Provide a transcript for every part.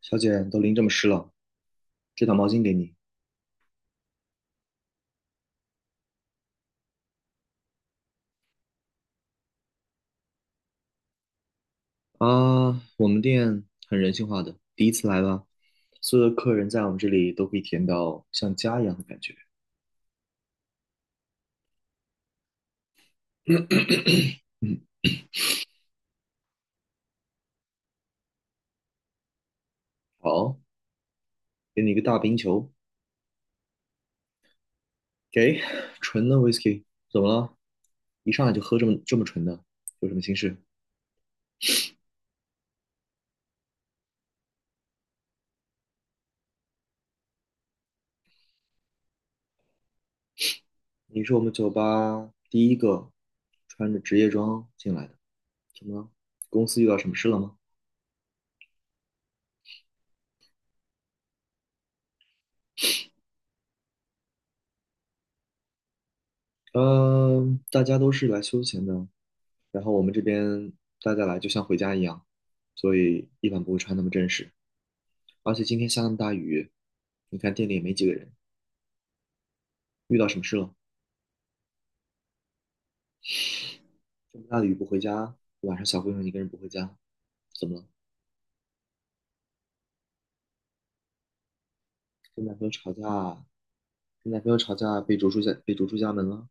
小姐，都淋这么湿了，这条毛巾给你啊。我们店很人性化的，第一次来吧，所有的客人在我们这里都可以体验到像家一样的感觉。好，给你一个大冰球，给纯的 whisky，怎么了？一上来就喝这么纯的，有什么心事？你是我们酒吧第一个穿着职业装进来的，怎么了？公司遇到什么事了吗？嗯，大家都是来休闲的，然后我们这边大家来就像回家一样，所以一般不会穿那么正式。而且今天下那么大雨，你看店里也没几个人，遇到什么事了？这么大的雨不回家，晚上小姑娘一个人不回家，怎么了？跟男朋友吵架，跟男朋友吵架被逐出家门了。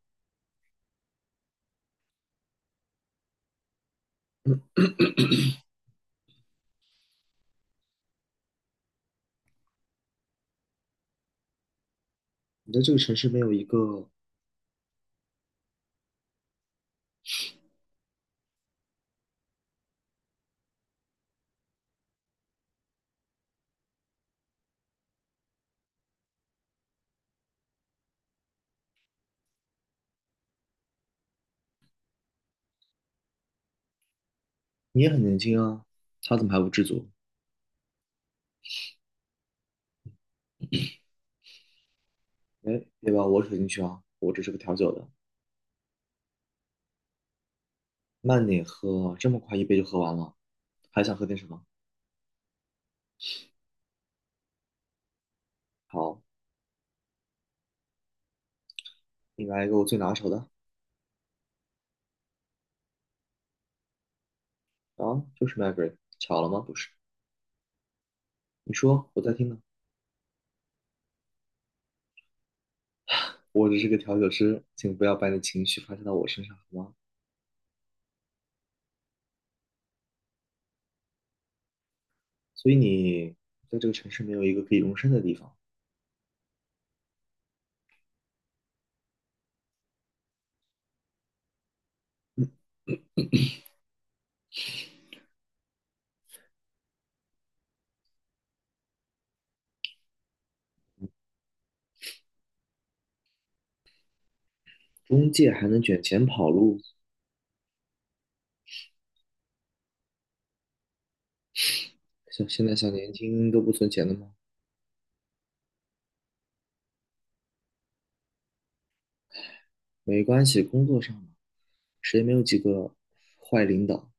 你在这个城市没有一个，你也很年轻啊，他怎么还不知足？哎，别把我扯进去啊，我只是个调酒的，慢点喝，这么快一杯就喝完了，还想喝点什么？好，你来一个我最拿手的。啊，就是 Margaret，巧了吗？不是，你说，我在听呢。我只是个调酒师，请不要把你的情绪发泄到我身上，好吗？所以你在这个城市没有一个可以容身的地方，中介还能卷钱跑路，像现在小年轻都不存钱了吗？没关系，工作上嘛，谁没有几个坏领导？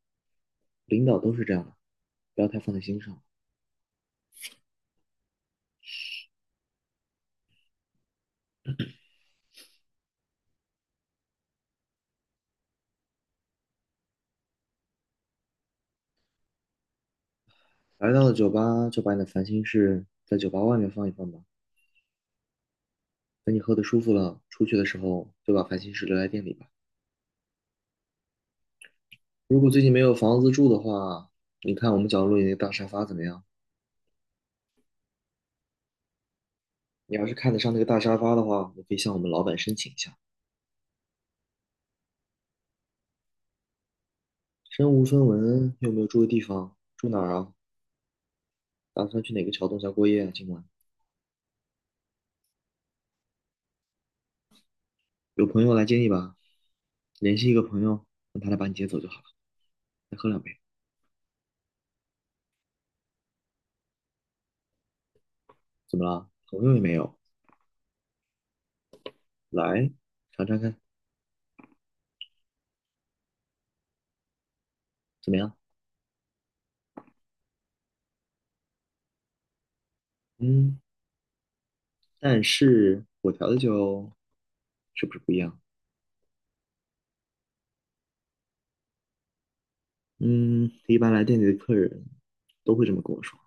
领导都是这样的，不要太放在心上。来到了酒吧，就把你的烦心事在酒吧外面放一放吧。等你喝得舒服了，出去的时候就把烦心事留在店里吧。如果最近没有房子住的话，你看我们角落里那个大沙发怎么样？你要是看得上那个大沙发的话，你可以向我们老板申请一下。身无分文，又没有住的地方，住哪儿啊？打算去哪个桥洞下过夜啊？今晚有朋友来接你吧，联系一个朋友，让他来把你接走就好了。再喝两杯，怎么了？朋友也没有，来尝尝看，怎么样？嗯，但是我调的酒是不是不一样？嗯，一般来店里的客人都会这么跟我说。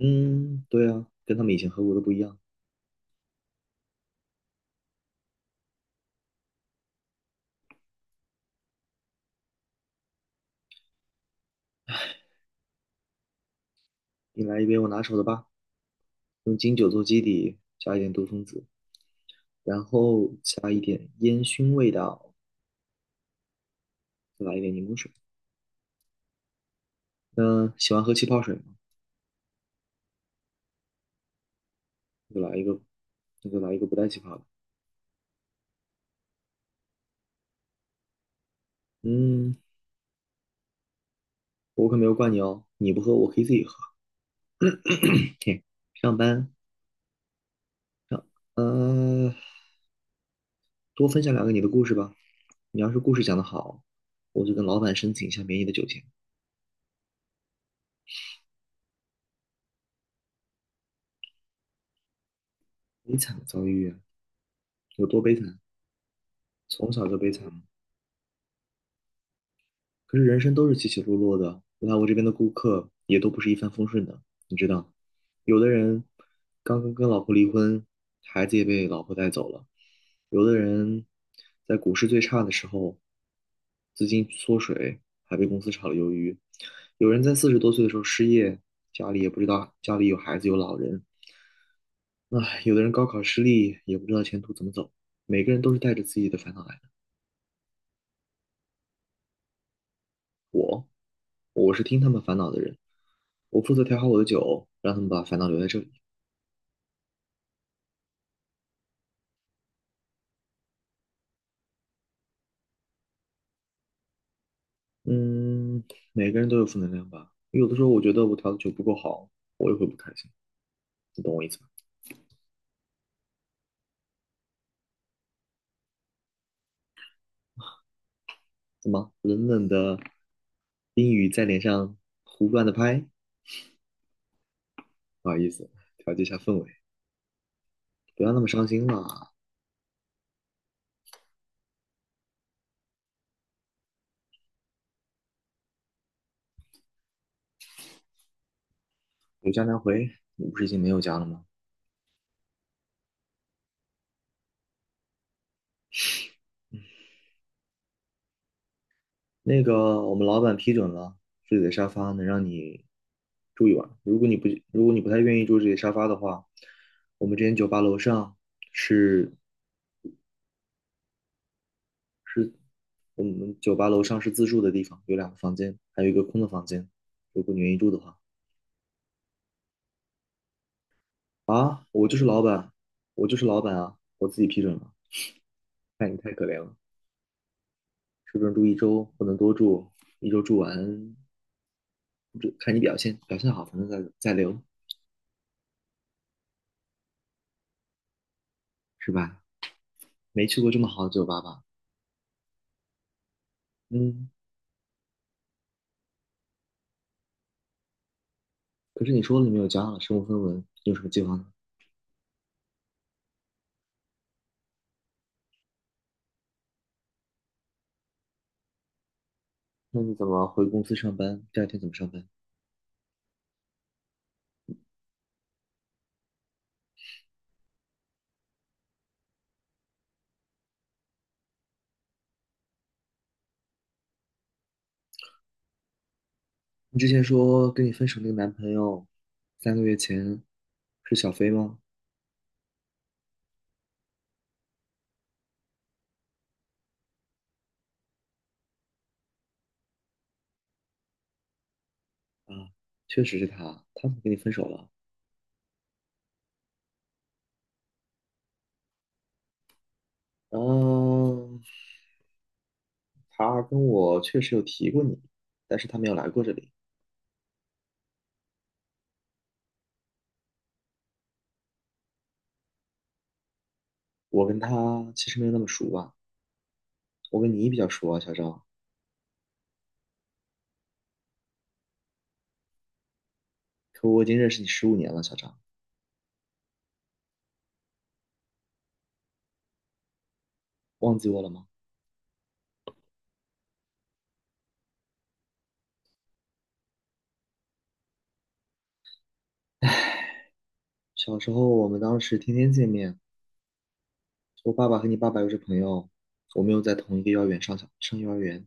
嗯，对啊，跟他们以前喝过的不一样。你来一杯我拿手的吧，用金酒做基底，加一点杜松子，然后加一点烟熏味道，再来一点柠檬水。那喜欢喝气泡水吗？那就来一个，那就来一个不带气泡的。嗯，我可没有怪你哦，你不喝我可以自己喝。嘿，上班上，呃，多分享两个你的故事吧。你要是故事讲得好，我就跟老板申请一下免你的酒钱。悲惨的遭遇啊，有多悲惨？从小就悲惨可是人生都是起起落落的，来我这边的顾客也都不是一帆风顺的，你知道，有的人刚刚跟老婆离婚，孩子也被老婆带走了；有的人在股市最差的时候，资金缩水，还被公司炒了鱿鱼；有人在40多岁的时候失业，家里也不知道家里有孩子有老人；唉，有的人高考失利，也不知道前途怎么走。每个人都是带着自己的烦恼来。我是听他们烦恼的人，我负责调好我的酒，让他们把烦恼留在这里。嗯，每个人都有负能量吧。有的时候我觉得我调的酒不够好，我也会不开心，你懂我意思吧？怎么冷冷的冰雨在脸上胡乱的拍？不好意思，调节一下氛围，不要那么伤心啦。有家难回，你不是已经没有家了吗？那个我们老板批准了，这里的沙发能让你住一晚。如果你不太愿意住这里的沙发的话，我们这间酒吧楼上是是是自助的地方，有两个房间，还有一个空的房间。如果你愿意住的话，啊，我就是老板，我就是老板啊，我自己批准了。看你太可怜了，是不是住一周不能多住？一周住完，这看你表现，表现好，反正再留，是吧？没去过这么好的酒吧吧？嗯。可是你说了你没有家了，身无分文，你有什么计划呢？那你怎么回公司上班？第二天怎么上班？你之前说跟你分手那个男朋友，3个月前是小飞吗？啊，确实是他，他怎么跟你分手了？嗯，他跟我确实有提过你，但是他没有来过这里。我跟他其实没有那么熟吧，我跟你比较熟啊，小张。可我已经认识你15年了，小张，忘记我了吗？小时候我们当时天天见面，我爸爸和你爸爸又是朋友，我们又在同一个幼儿园上幼儿园。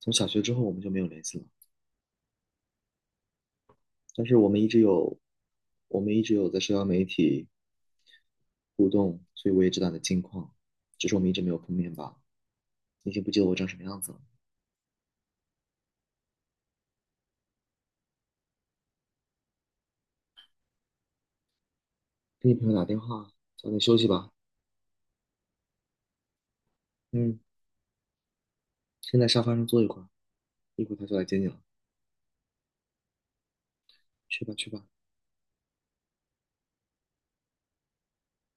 从小学之后我们就没有联系了，但是我们一直有在社交媒体互动，所以我也知道你的近况，只是我们一直没有碰面罢了。你已经不记得我长什么样子了。给你朋友打电话，早点休息吧。嗯，先在沙发上坐一会儿，一会儿他就来接你了。去吧，去吧。